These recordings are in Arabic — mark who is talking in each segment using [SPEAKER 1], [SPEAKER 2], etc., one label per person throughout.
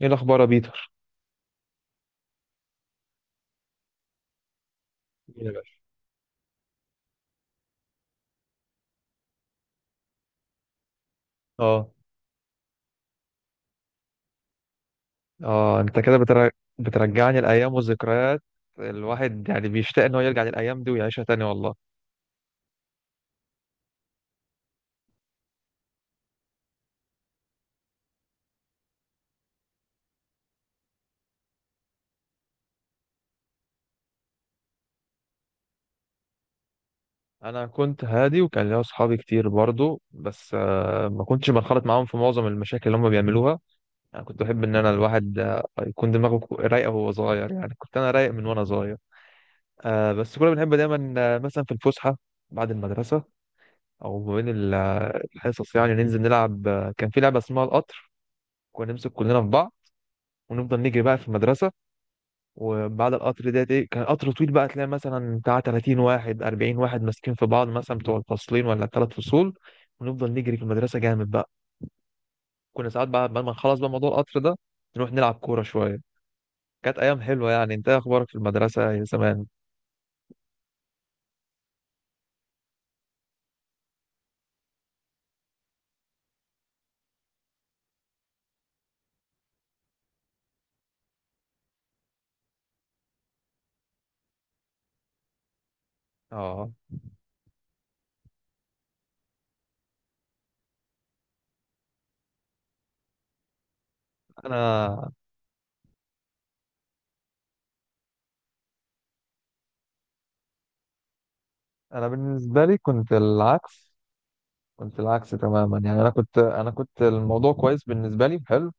[SPEAKER 1] ايه الاخبار يا بيتر؟ مين يا باشا؟ اه. اه انت كده بتر... بترجعني الايام والذكريات. الواحد يعني بيشتاق ان هو يرجع للايام دي ويعيشها تاني والله. انا كنت هادي وكان ليا اصحابي كتير برضو، بس ما كنتش بنخرط معاهم في معظم المشاكل اللي هم بيعملوها. انا كنت بحب ان انا الواحد يكون دماغه رايقه وهو صغير، يعني كنت انا رايق من وانا صغير. بس كنا بنحب دايما، مثلا في الفسحه بعد المدرسه، او ما بين الحصص، يعني ننزل نلعب، كان في لعبه اسمها القطر. كنا نمسك كلنا في بعض ونفضل نجري بقى في المدرسه. وبعد القطر ده ايه، كان قطر طويل بقى، تلاقي مثلا بتاع 30 واحد 40 واحد ماسكين في بعض، مثلا بتوع الفصلين ولا الثلاث فصول. ونفضل نجري في المدرسه جامد بقى. كنا ساعات بقى بعد ما نخلص بقى موضوع القطر ده نروح نلعب كوره شويه. كانت ايام حلوه يعني. انت إيه اخبارك في المدرسه يا زمان؟ اه. انا انا بالنسبه لي كنت العكس، كنت العكس تماما، يعني انا كنت الموضوع كويس بالنسبه لي، حلو،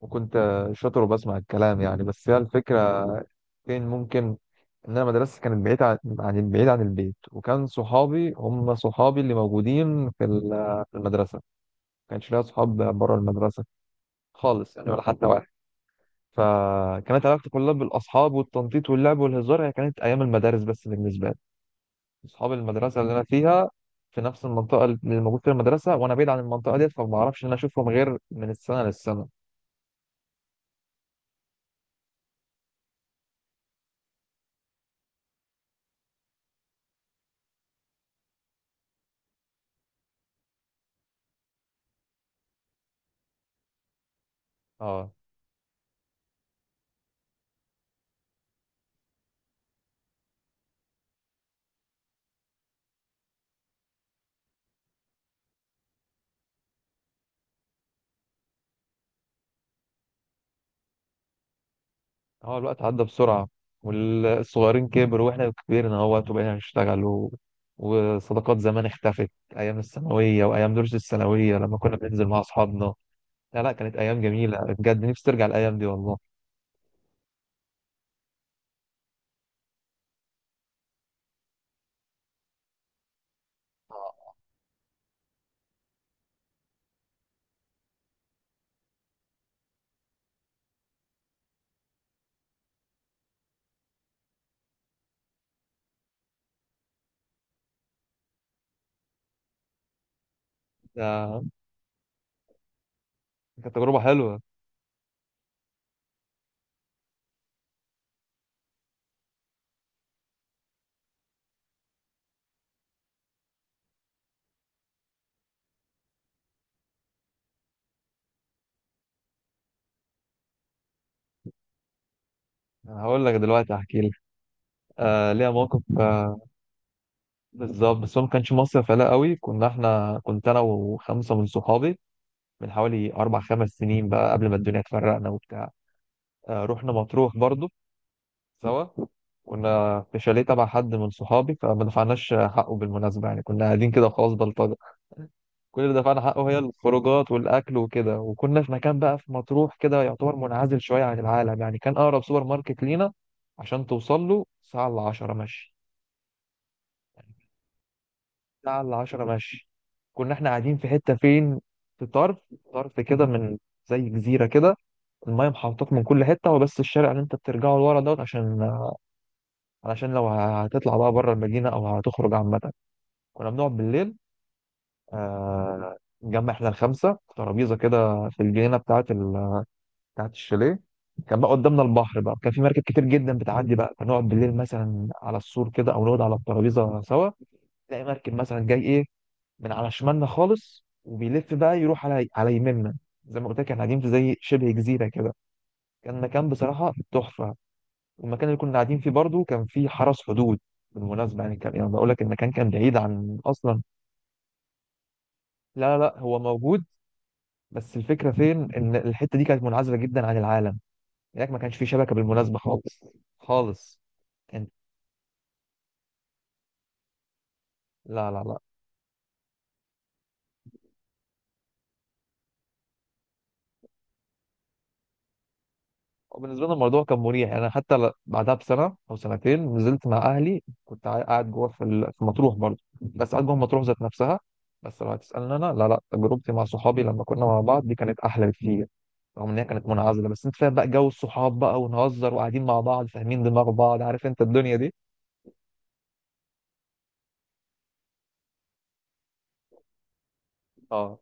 [SPEAKER 1] وكنت شاطر وبسمع الكلام يعني. بس هي الفكره فين ممكن، ان انا مدرستي كانت بعيد عن البيت، وكان صحابي هم صحابي اللي موجودين في في المدرسه. ما كانش ليا صحاب بره المدرسه خالص يعني، ولا حتى واحد. فكانت علاقتي كلها بالاصحاب والتنطيط واللعب والهزار، هي كانت ايام المدارس بس بالنسبه لي، اصحاب المدرسه اللي انا فيها في نفس المنطقه اللي موجود فيها المدرسه، وانا بعيد عن المنطقه ديت، فما اعرفش ان انا اشوفهم غير من السنه للسنه. اه. هو الوقت عدى بسرعة والصغيرين كبروا واحنا كبرنا اهوت وبقينا نشتغل و... وصداقات زمان اختفت. ايام الثانوية وايام دروس الثانوية لما كنا بننزل مع اصحابنا، لا لا كانت ايام جميلة بجد، نفسي ترجع الايام دي والله. ده كانت تجربة حلوة. أنا هقول لك دلوقتي، هحكي لك. ليها موقف. بالظبط. بس هو ما كانش مصيف لا قوي، كنا احنا، كنت انا وخمسه من صحابي، من حوالي اربع خمس سنين بقى، قبل ما الدنيا تفرقنا وبتاع. رحنا مطروح برضو سوا. كنا في شاليه تبع حد من صحابي فما دفعناش حقه بالمناسبة، يعني كنا قاعدين كده خلاص بلطجة. كل اللي دفعنا حقه هي الخروجات والأكل وكده. وكنا في مكان بقى في مطروح كده يعتبر منعزل شوية عن العالم، يعني كان أقرب سوبر ماركت لينا عشان توصل له ساعة إلا عشرة مشي. ساعة إلا عشرة مشي. كنا إحنا قاعدين في حتة فين، في طرف، طرف كده، من زي جزيرة كده، المايه محوطاك من كل حتة، وبس الشارع اللي أنت بترجعه لورا دوت، عشان علشان لو هتطلع بقى بره المدينة أو هتخرج عامة. كنا بنقعد بالليل، نجمع احنا الخمسه في ترابيزه كده في الجنينه بتاعه الشاليه. كان بقى قدامنا البحر بقى، كان في مركب كتير جدا بتعدي بقى، فنقعد بالليل مثلا على السور كده او نقعد على الترابيزه سوا. تلاقي مركب مثلا جاي ايه من على شمالنا خالص وبيلف بقى يروح على يميننا. زي ما قلت لك احنا قاعدين في زي شبه جزيره كده. كان مكان بصراحه تحفه. والمكان اللي كنا قاعدين فيه برضو كان فيه حرس حدود بالمناسبه، يعني كان يعني بقول لك المكان كان بعيد عن اصلا. لا لا لا، هو موجود. بس الفكرة فين إن الحتة دي كانت منعزلة جدا عن العالم، هناك ما كانش في شبكة بالمناسبة خالص خالص. انت. لا لا لا. وبالنسبة لنا الموضوع كان مريح، يعني أنا حتى بعدها بسنة أو سنتين نزلت مع أهلي، كنت قاعد جوه في في مطروح برضه، بس قاعد جوه مطروح ذات نفسها. بس لو هتسألني أنا، لا لا، تجربتي مع صحابي لما كنا مع بعض دي كانت أحلى بكتير. رغم إن هي كانت منعزلة، بس أنت فاهم بقى جو الصحاب بقى ونهزر وقاعدين مع بعض فاهمين دماغ بعض، عارف أنت الدنيا دي. اه.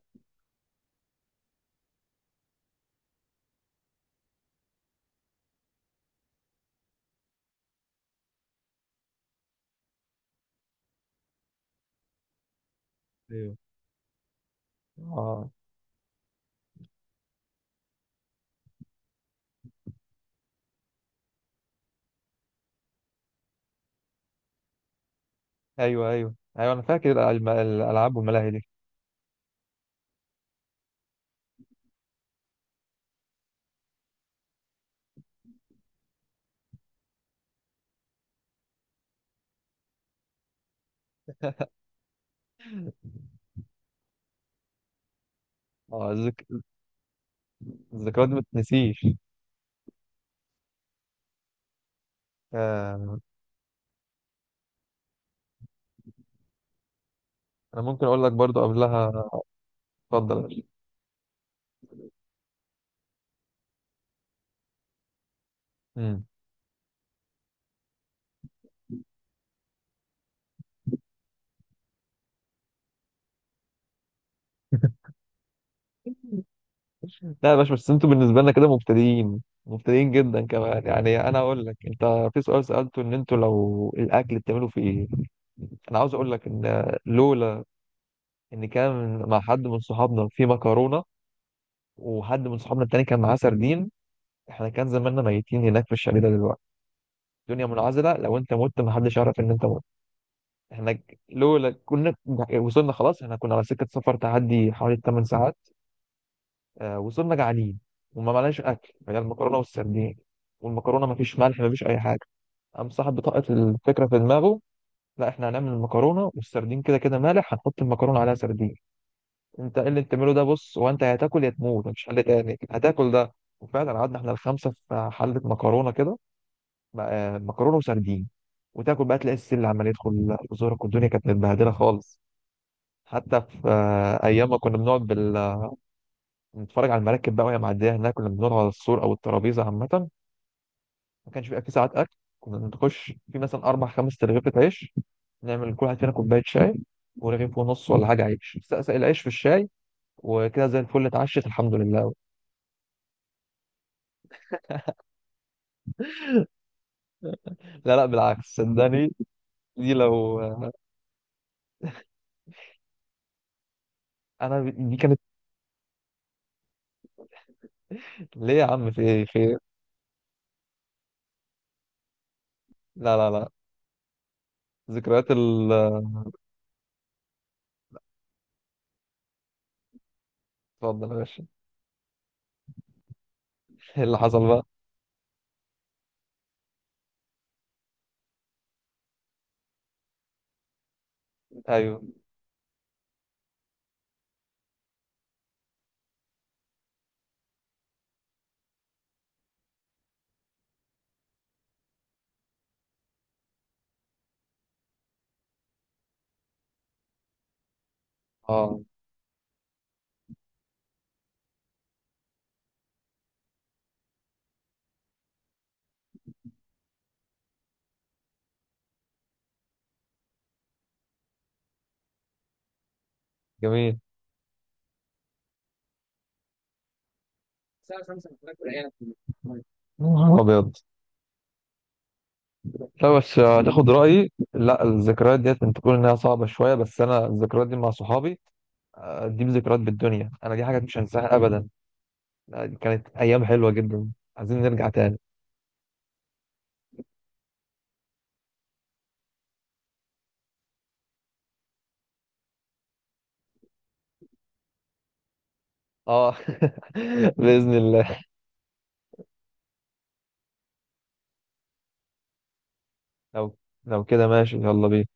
[SPEAKER 1] ايوه. اه. ايوه ايوه ايوه، انا فاكر الالعاب والملاهي دي. اه الذك... الذكريات دي ما تنسيش. آه. انا ممكن اقول لك برضو قبلها. اتفضل يا باشا. مم. لا يا باشا، بس انتوا بالنسبه لنا كده مبتدئين مبتدئين جدا كمان يعني. انا اقول لك انت، في سؤال سالته، ان انتوا لو الاكل بتعملوا في ايه. انا عاوز اقول لك ان لولا ان كان مع حد من صحابنا في مكرونه، وحد من صحابنا التاني كان معاه سردين، احنا كان زماننا ميتين هناك في الشارع ده دلوقتي. الدنيا منعزله، لو انت مت محدش يعرف ان انت مت. احنا لولا كنا وصلنا خلاص، احنا كنا على سكة سفر تعدي حوالي 8 ساعات. وصلنا جعانين وما معناش اكل، هي المكرونة والسردين، والمكرونة ما فيش ملح ما فيش اي حاجة. قام صاحب بطاقة الفكرة في دماغه: لا، احنا هنعمل المكرونة والسردين، كده كده مالح، هنحط المكرونة عليها سردين. انت ايه اللي انت بتعمله ده؟ بص، هو انت يا هتاكل يا تموت، مفيش حل تاني، هتاكل ده. وفعلا قعدنا احنا الخمسة في حلة مكرونة كده، مكرونة وسردين. وتاكل بقى تلاقي السل عمال يدخل في زورك، والدنيا كانت متبهدلة خالص. حتى في ايام ما كنا نتفرج على المراكب بقى وهي معديه هناك، كنا بنقعد على السور او الترابيزه عامه. ما كانش بيبقى في ساعات اكل، كنا نخش في مثلا اربع خمس ترغيفة عيش، نعمل كل واحد فينا كوبايه شاي ورغيف ونص ولا حاجه عيش، سقسق العيش في الشاي وكده زي الفل، اتعشت الحمد لله. لا لا بالعكس صدقني. دي لو، انا دي كانت. ليه يا عم؟ في ايه خير؟ لا لا لا. ذكريات ال اتفضل يا باشا. ايه اللي حصل بقى؟ ايوه. اه. جميل. ابيض. لا، بس هتاخد رأيي، لا الذكريات ديت انت تقول انها صعبة شوية، بس انا الذكريات دي مع صحابي، دي ذكريات بالدنيا، انا دي حاجات مش هنساها ابدا، دي كانت ايام حلوة جدا، عايزين نرجع تاني. اه. بإذن الله. لو لو كده ماشي، يلا بينا.